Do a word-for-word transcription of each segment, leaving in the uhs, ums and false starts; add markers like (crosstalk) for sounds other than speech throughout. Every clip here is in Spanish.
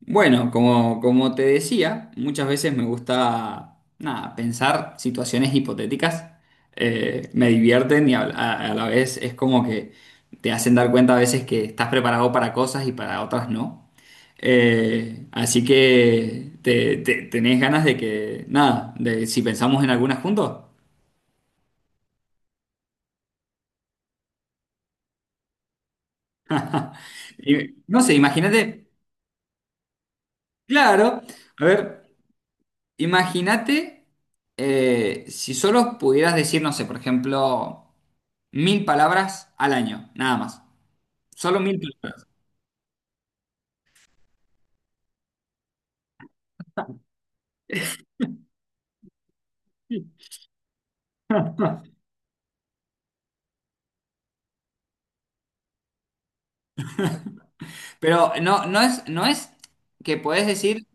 Bueno, como, como te decía, muchas veces me gusta nada, pensar situaciones hipotéticas. Eh, me divierten y a, a- a la vez es como que te hacen dar cuenta a veces que estás preparado para cosas y para otras no. Eh, así que te, te- tenés ganas de que, nada, de si pensamos en algunas juntos. (laughs) Y, no sé, imagínate, claro, a ver. Imagínate eh, si solo pudieras decir, no sé, por ejemplo, mil palabras al año, nada más. Solo mil palabras. (laughs) Pero no, no es, no es que podés decir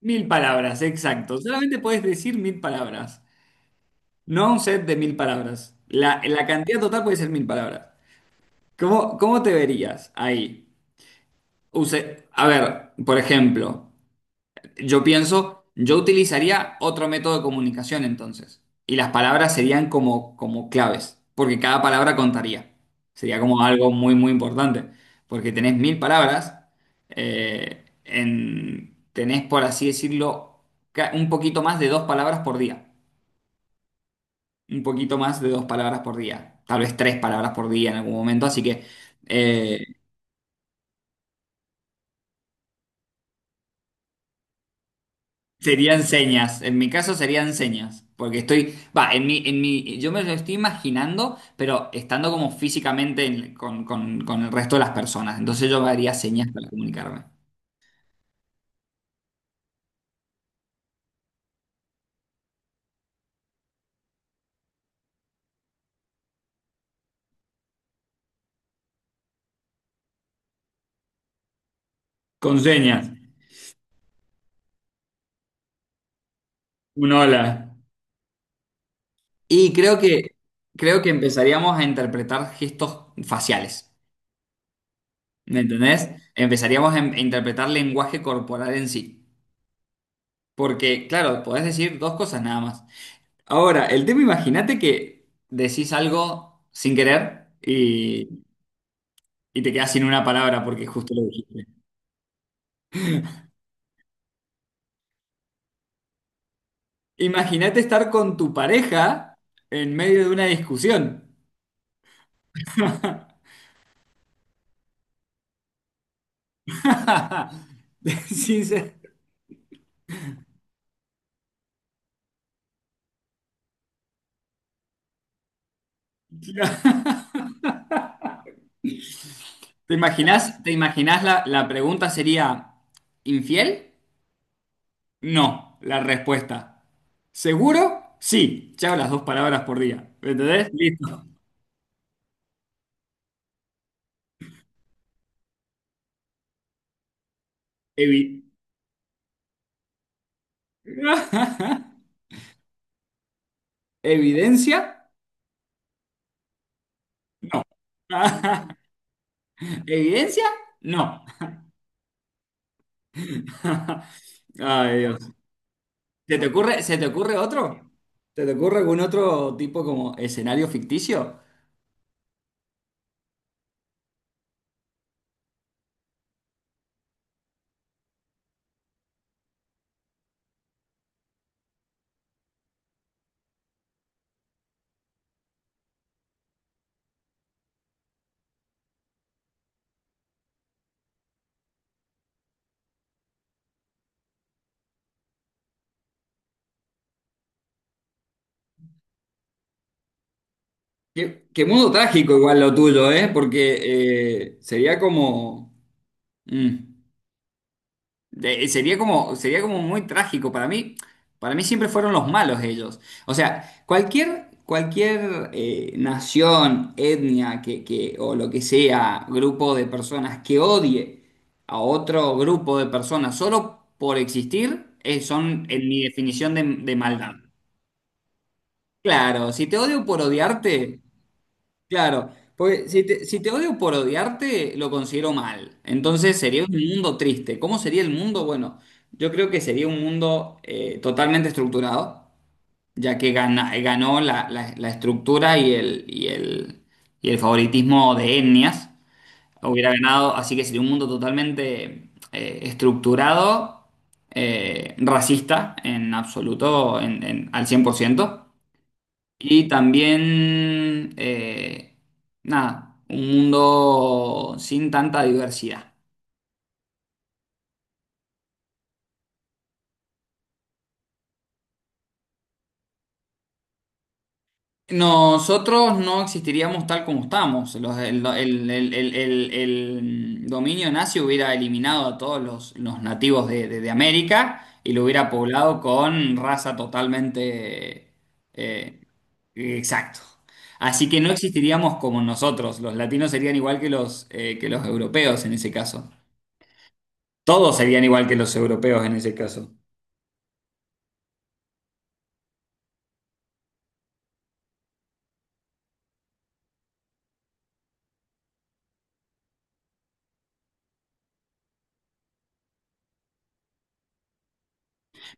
mil palabras, exacto. Solamente podés decir mil palabras. No un set de mil palabras. La, la cantidad total puede ser mil palabras. ¿Cómo, cómo te verías ahí? Use- a ver, por ejemplo. Yo pienso, yo utilizaría otro método de comunicación entonces. Y las palabras serían como, como claves, porque cada palabra contaría. Sería como algo muy, muy importante. Porque tenés mil palabras, eh, en- tenés, por así decirlo, ca- un poquito más de dos palabras por día. Un poquito más de dos palabras por día. Tal vez tres palabras por día en algún momento. Así que eh, Serían señas, en mi caso serían señas, porque estoy, va, en mi, en mi, yo me lo estoy imaginando, pero estando como físicamente en- con, con- con el resto de las personas, entonces yo haría señas para comunicarme. Con señas, un hola. Y creo que, creo que empezaríamos a interpretar gestos faciales, ¿me entendés? Empezaríamos a, em, a interpretar lenguaje corporal en sí, porque claro, podés decir dos cosas nada más. Ahora, el tema, imagínate que decís algo sin querer y, y te quedás sin una palabra porque justo lo dijiste. Imagínate estar con tu pareja en medio de una discusión. (laughs) Sin ser- ¿Te imaginás, te imaginás la, la pregunta sería, ¿infiel? No, la respuesta. ¿Seguro? Sí. Chao, las dos palabras por día. ¿Me entendés? Listo. Evi- (laughs) ¿Evidencia? (laughs) ¿Evidencia? No. (laughs) Ay, Dios. ¿Se te ocurre, se te ocurre otro? ¿Se te ocurre algún otro tipo como escenario ficticio? Qué, qué mundo trágico igual lo tuyo, ¿eh? Porque eh, sería como. Mm. De- sería como, sería como muy trágico. Para mí, para mí siempre fueron los malos ellos. O sea, cualquier, cualquier eh, nación, etnia que, que- o lo que sea, grupo de personas que odie a otro grupo de personas solo por existir, eh, son en mi definición de, de maldad. Claro, si te odio por odiarte, claro, porque si te, si te odio por odiarte, lo considero mal. Entonces sería un mundo triste. ¿Cómo sería el mundo? Bueno, yo creo que sería un mundo eh, totalmente estructurado, ya que gana- ganó la, la- la estructura y el, y el, y el favoritismo de etnias. Hubiera ganado, así que sería un mundo totalmente eh, estructurado, eh, racista en absoluto, en, en- al cien por ciento. Y también, eh, nada, un mundo sin tanta diversidad. Nosotros no existiríamos tal como estamos. Los- el, el- el- el- el- el dominio nazi hubiera eliminado a todos los, los nativos de, de- de América y lo hubiera poblado con raza totalmente. eh, exacto. Así que no existiríamos como nosotros. Los latinos serían igual que los, eh, que los europeos en ese caso. Todos serían igual que los europeos en ese caso.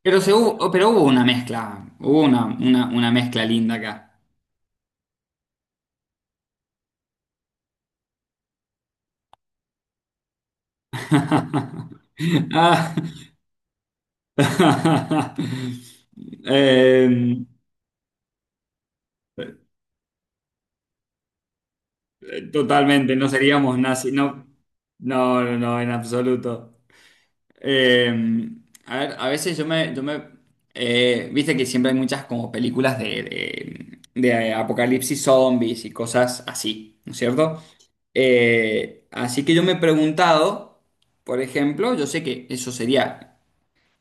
Pero, se hubo, oh, pero hubo una mezcla, hubo una, una, una mezcla linda acá. (laughs) Ah. (laughs) eh, Totalmente, no seríamos nazis, no, no, no, en absoluto. Eh, a ver, a veces yo me, yo me eh, viste que siempre hay muchas como películas de, de, de apocalipsis zombies y cosas así, ¿no es cierto? Eh, así que yo me he preguntado, por ejemplo, yo sé que eso sería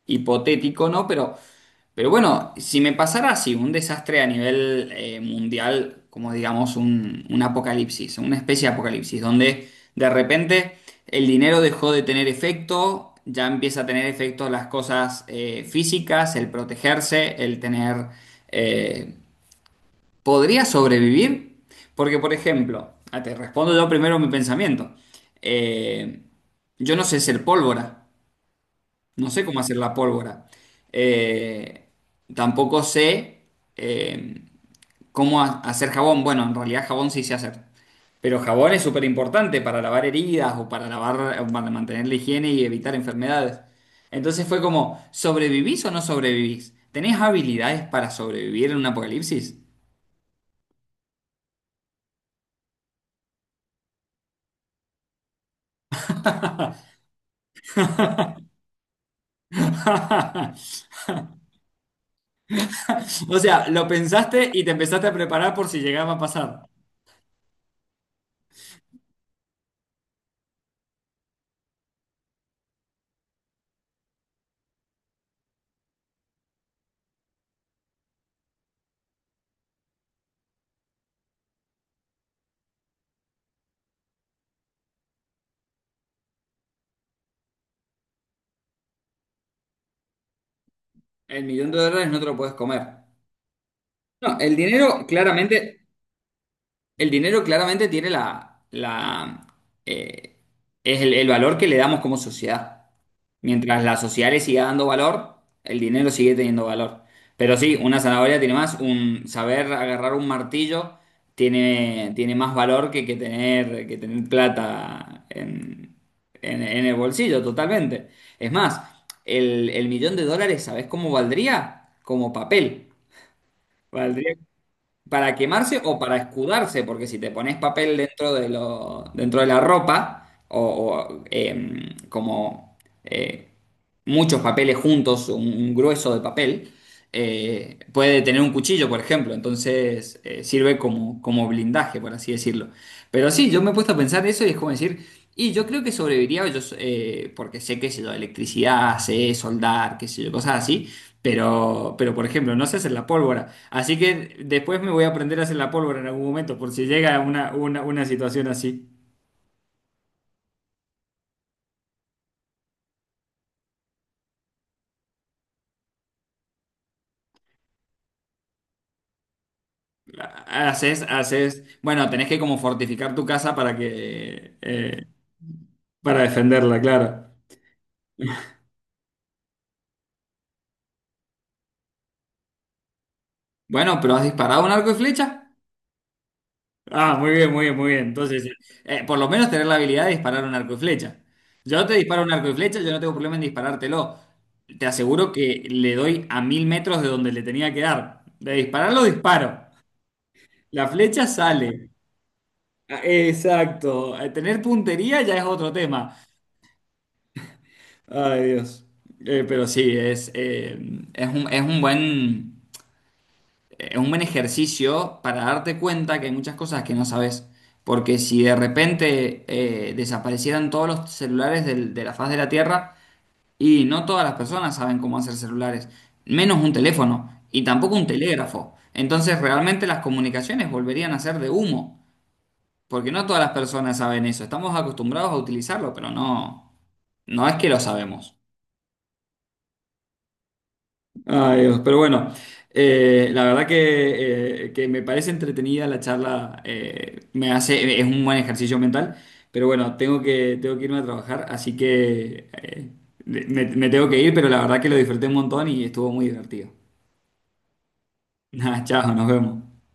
hipotético, ¿no? Pero pero bueno, si me pasara así, un desastre a nivel eh, mundial, como digamos un, un apocalipsis, una especie de apocalipsis, donde de repente el dinero dejó de tener efecto, ya empieza a tener efecto las cosas eh, físicas, el protegerse, el tener. eh, ¿Podría sobrevivir? Porque, por ejemplo, ah, te respondo yo primero mi pensamiento. Eh, yo no sé ser pólvora. No sé cómo hacer la pólvora. Eh, Tampoco sé eh, cómo ha- hacer jabón. Bueno, en realidad jabón sí sé hacer. Pero jabón es súper importante para lavar heridas o para lavar, o para mantener la higiene y evitar enfermedades. Entonces fue como, ¿sobrevivís o no sobrevivís? ¿Tenés habilidades para sobrevivir en un apocalipsis? (laughs) O sea, lo pensaste y te empezaste a preparar por si llegaba a pasar. El millón de dólares no te lo puedes comer. No, el dinero claramente El dinero claramente tiene la, la eh, es el, el valor que le damos como sociedad. Mientras la sociedad le siga dando valor, el dinero sigue teniendo valor. Pero sí, una zanahoria tiene más, un saber agarrar un martillo tiene, tiene más valor que, que tener, que tener plata en, en- en el bolsillo, totalmente. Es más, el, el millón de dólares, ¿sabés cómo valdría? Como papel. Valdría. ¿Para quemarse o para escudarse? Porque si te pones papel dentro de lo, dentro de la ropa, o, o, em, como eh, muchos papeles juntos, un, un grueso de papel, eh, puede tener un cuchillo, por ejemplo, entonces eh, sirve como, como blindaje, por así decirlo. Pero sí, yo me he puesto a pensar eso y es como decir, y yo creo que sobreviviría, yo, eh, porque sé, qué sé yo, electricidad, sé soldar, qué sé yo, cosas así. Pero, pero, por ejemplo, no sé hacer la pólvora. Así que después me voy a aprender a hacer la pólvora en algún momento, por si llega una, una, una situación así. Haces, haces, bueno, tenés que como fortificar tu casa para que, eh, para defenderla, claro. Bueno, pero ¿has disparado un arco y flecha? Ah, muy bien, muy bien, muy bien. Entonces, eh, eh, por lo menos tener la habilidad de disparar un arco y flecha. Yo te disparo un arco y flecha, yo no tengo problema en disparártelo. Te aseguro que le doy a mil metros de donde le tenía que dar. De dispararlo, disparo. La flecha sale. Ah, exacto. Eh, Tener puntería ya es otro tema. Ay, Dios. Eh, pero sí, es, eh, es un, es un buen, es un buen ejercicio para darte cuenta que hay muchas cosas que no sabes. Porque si de repente eh, desaparecieran todos los celulares del- de la faz de la Tierra, y no todas las personas saben cómo hacer celulares, menos un teléfono y tampoco un telégrafo. Entonces realmente las comunicaciones volverían a ser de humo, porque no todas las personas saben eso. Estamos acostumbrados a utilizarlo, pero no, no es que lo sabemos. Ay, Dios, pero bueno, eh, la verdad que, eh, que me parece entretenida la charla, eh, me hace, eh, es un buen ejercicio mental, pero bueno, tengo que, tengo que, irme a trabajar, así que eh, me, me tengo que ir, pero la verdad que lo disfruté un montón y estuvo muy divertido. (laughs) Nada, chao, nos vemos.